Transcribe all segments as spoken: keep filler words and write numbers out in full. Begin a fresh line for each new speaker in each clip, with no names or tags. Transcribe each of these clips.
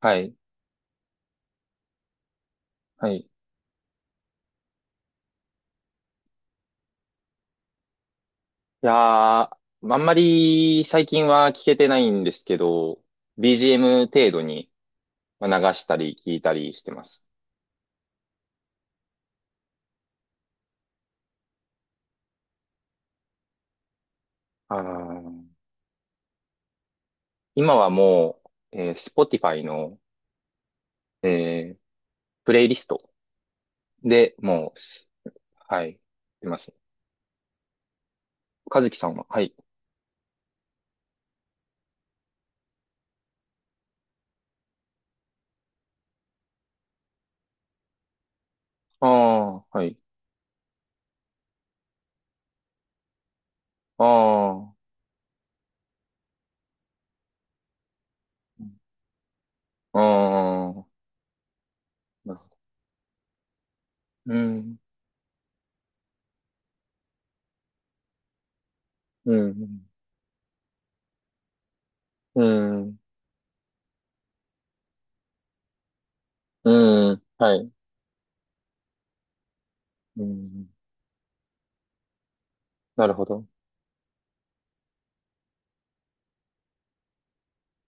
はい。はい。いやー、あんまり最近は聞けてないんですけど、ビージーエム 程度にまあ流したり聞いたりしてます。あー今はもう、えー Spotify の、えープレイリストでもう、はい、出ます。和樹さんは、はい。ああ、はい。ああ、ああ、なるほど。うん、うん、うん、うん、はい。うん、なるほど。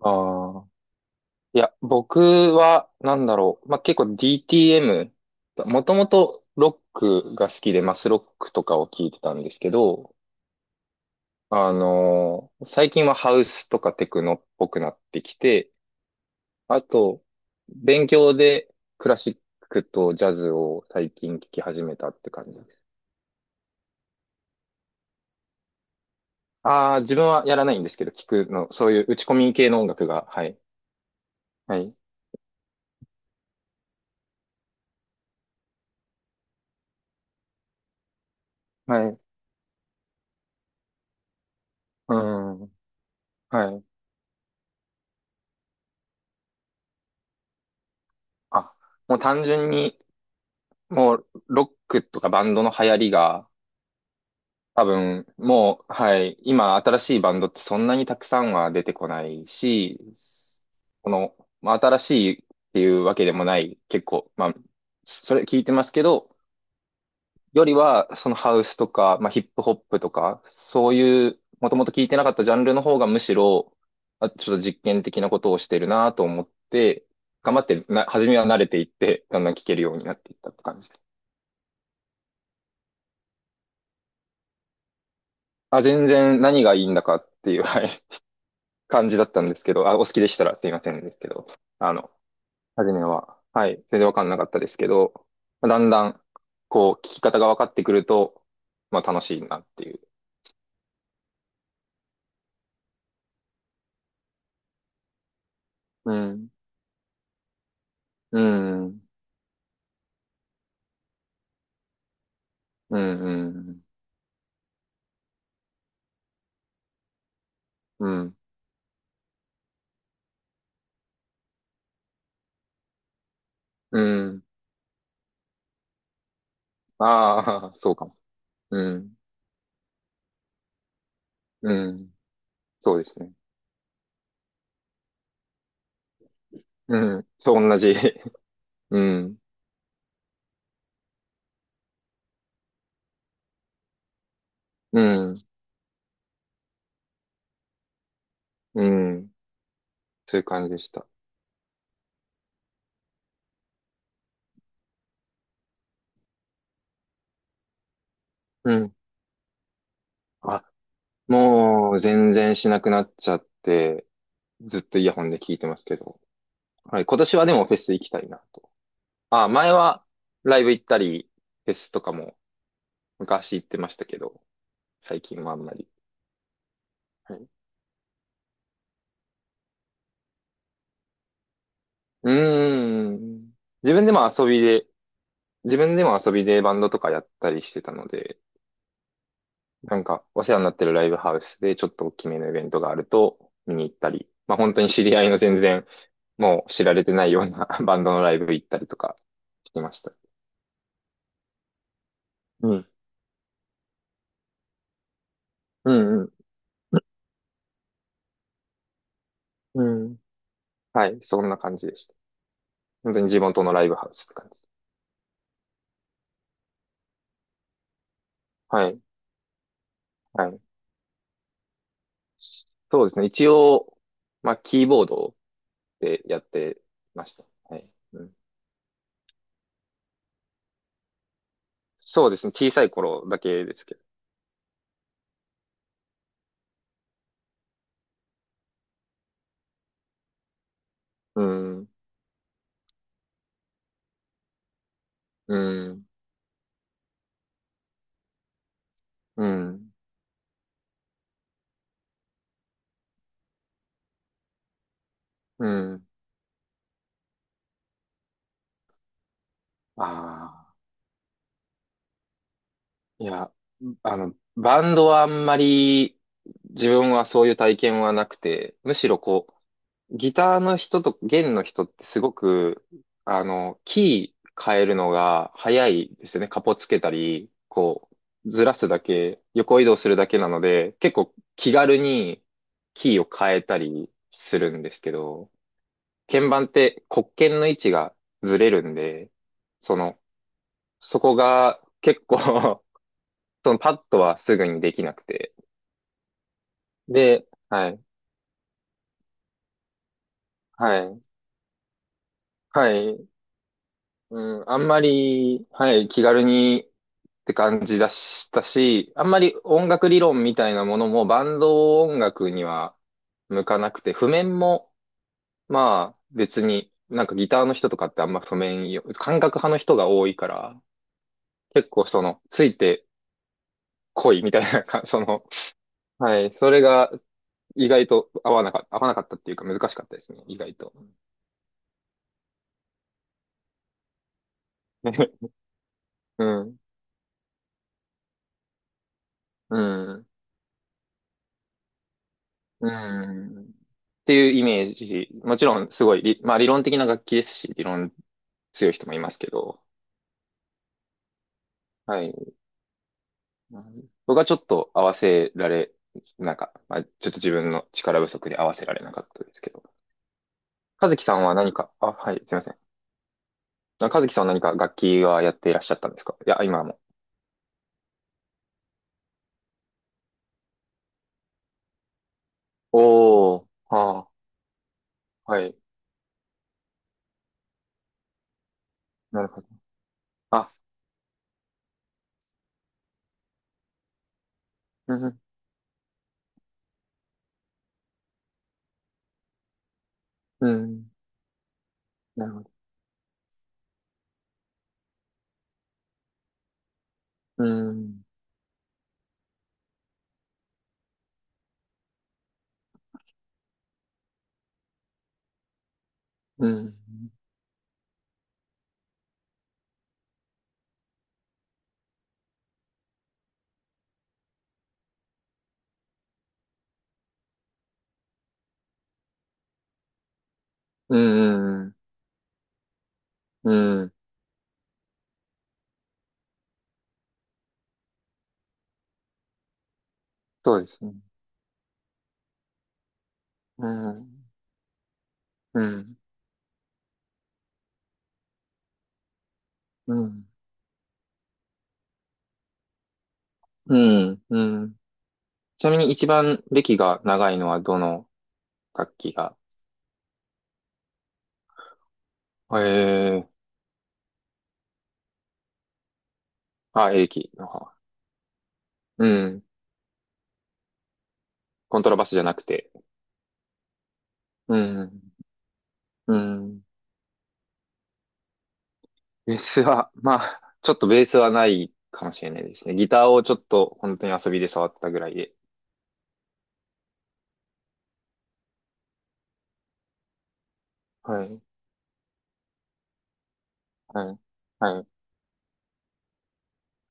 ああ。いや、僕は、なんだろう。まあ、結構 ディーティーエム、もともとロックが好きで、マスロックとかを聞いてたんですけど、あのー最近はハウスとかテクノっぽくなってきて、あと、勉強でクラシックとジャズを最近聞き始めたって感じです。ああ、自分はやらないんですけど、聞くの、そういう打ち込み系の音楽が、はい。はい。はい。うん。はい。あ、もう単純に、もう、ロックとかバンドの流行りが、多分、もう、はい、今、新しいバンドってそんなにたくさんは出てこないし、この、まあ、新しいっていうわけでもない、結構、まあ、それ聞いてますけど、よりは、そのハウスとか、まあ、ヒップホップとか、そういう、もともと聞いてなかったジャンルの方がむしろ、あ、ちょっと実験的なことをしてるなと思って、頑張ってな、初めは慣れていって、だんだん聞けるようになっていったって感じです。あ、全然何がいいんだかっていう、はい、感じだったんですけど、あ、お好きでしたらすいませんですけど、あの、初めは、はい、全然わかんなかったですけど、まあだんだん、こう、聞き方が分かってくると、まあ楽しいなっていう。うん、うん、うん、うん、うん、うん。ああ、そうかも。うん、うん、そうですね。うん、そう、同じ。うん、うん、うん、そういう感じでした。うん。あ、もう全然しなくなっちゃって、ずっとイヤホンで聞いてますけど。はい、今年はでもフェス行きたいなと。あ、前はライブ行ったり、フェスとかも昔行ってましたけど、最近はあんまり。はい、うーん。自分でも遊びで、自分でも遊びでバンドとかやったりしてたので、なんかお世話になってるライブハウスでちょっと大きめのイベントがあると見に行ったり、まあ本当に知り合いの全然もう知られてないような バンドのライブ行ったりとかしてました。うんうんうん。うん。はい。そんな感じでした。本当に地元のライブハウスって感じ。はい。はい。そうですね。一応、まあ、キーボードでやってました。はい。うん、そうですね。小さい頃だけですけど。うん。うん。うん。うん。ああ。いや、あの、バンドはあんまり自分はそういう体験はなくて、むしろこう、ギターの人と弦の人ってすごく、あの、キー変えるのが早いですよね。カポつけたり、こう、ずらすだけ、横移動するだけなので、結構気軽にキーを変えたりするんですけど、鍵盤って黒鍵の位置がずれるんで、その、そこが結構 そのパッドはすぐにできなくて。で、はい、はい、はい、うん、あんまり、はい、気軽にって感じだしたし、あんまり音楽理論みたいなものもバンド音楽には向かなくて、譜面も、まあ別に、なんかギターの人とかってあんま譜面よ、感覚派の人が多いから、結構その、ついてこいみたいなか、その、はい、それが意外と合わなか、合わなかったっていうか難しかったですね、意外と。うん。うん。うん。っていうイメージ。もちろん、すごい理、まあ理論的な楽器ですし、理論強い人もいますけど、はい。僕はちょっと合わせられ、なんか、まあ、ちょっと自分の力不足で合わせられなかったですけど。和樹さんは何か、あ、はい、すいません。あ、和樹さんは何か楽器はやっていらっしゃったんですか？いや、今も。おー、は、あ、はい。なるほど。あ、うん、うん、なるほど。うん、うん、うん、うん、うん。そうですね。うん、うん、うん、うん、うん。ちなみに一番歴が長いのはどの楽器が？ええ、あ、エレキの方。うん。コントラバスじゃなくて。うん、うん。ベースは、まあ、ちょっとベースはないかもしれないですね。ギターをちょっと本当に遊びで触ったぐらいで。はい、はい、はい。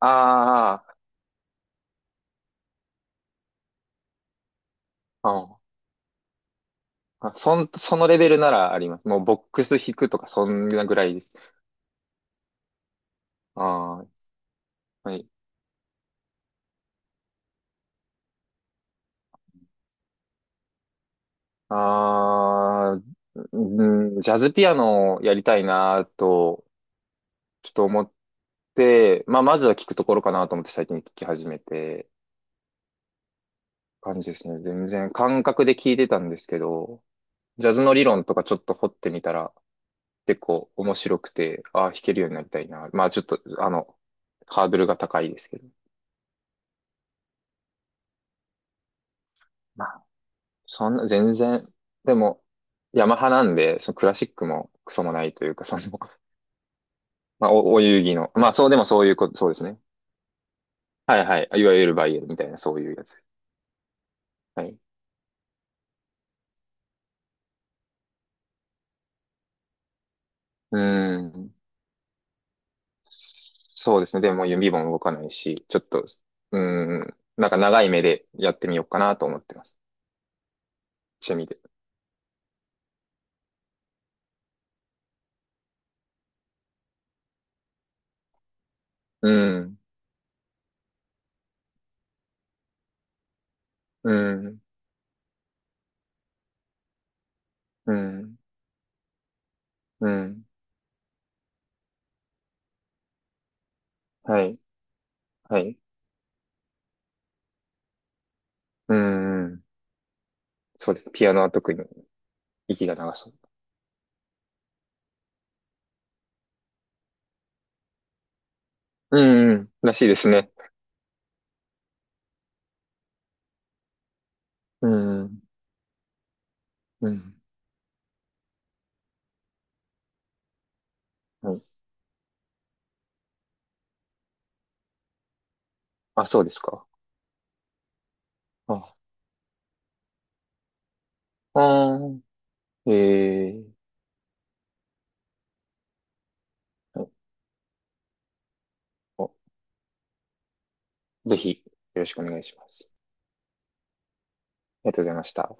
ああ、あ、あ、そん、そのレベルならあります。もうボックス弾くとかそんなぐらいです。ああ、はい。あ、うん、ジャズピアノをやりたいなと、ちょっと思って、まあ、まずは聞くところかなと思って最近聞き始めて、感じですね。全然感覚で聞いてたんですけど、ジャズの理論とかちょっと掘ってみたら、結構面白くて、ああ、弾けるようになりたいな。まあ、ちょっと、あの、ハードルが高いですけど。まあ、そんな、全然、でも、ヤマハなんで、そのクラシックもクソもないというか、その、まあ、お、お遊戯の、まあ、そうでもそういうこと、そうですね。はいはい。いわゆるバイエルみたいな、そういうやつ。はい。うーん。そうですね。でも指も動かないし、ちょっと、うーん。なんか長い目でやってみようかなと思ってます。趣味で。うん。うん。うん。うん。はい。はい。うん。そうです。ピアノは特に息が長そう。うん。らしいですね。うん。うん。はい。あ、そうですか。あ、あー、えー、はい、お、ぜひ、よろしくお願いします。ありがとうございました。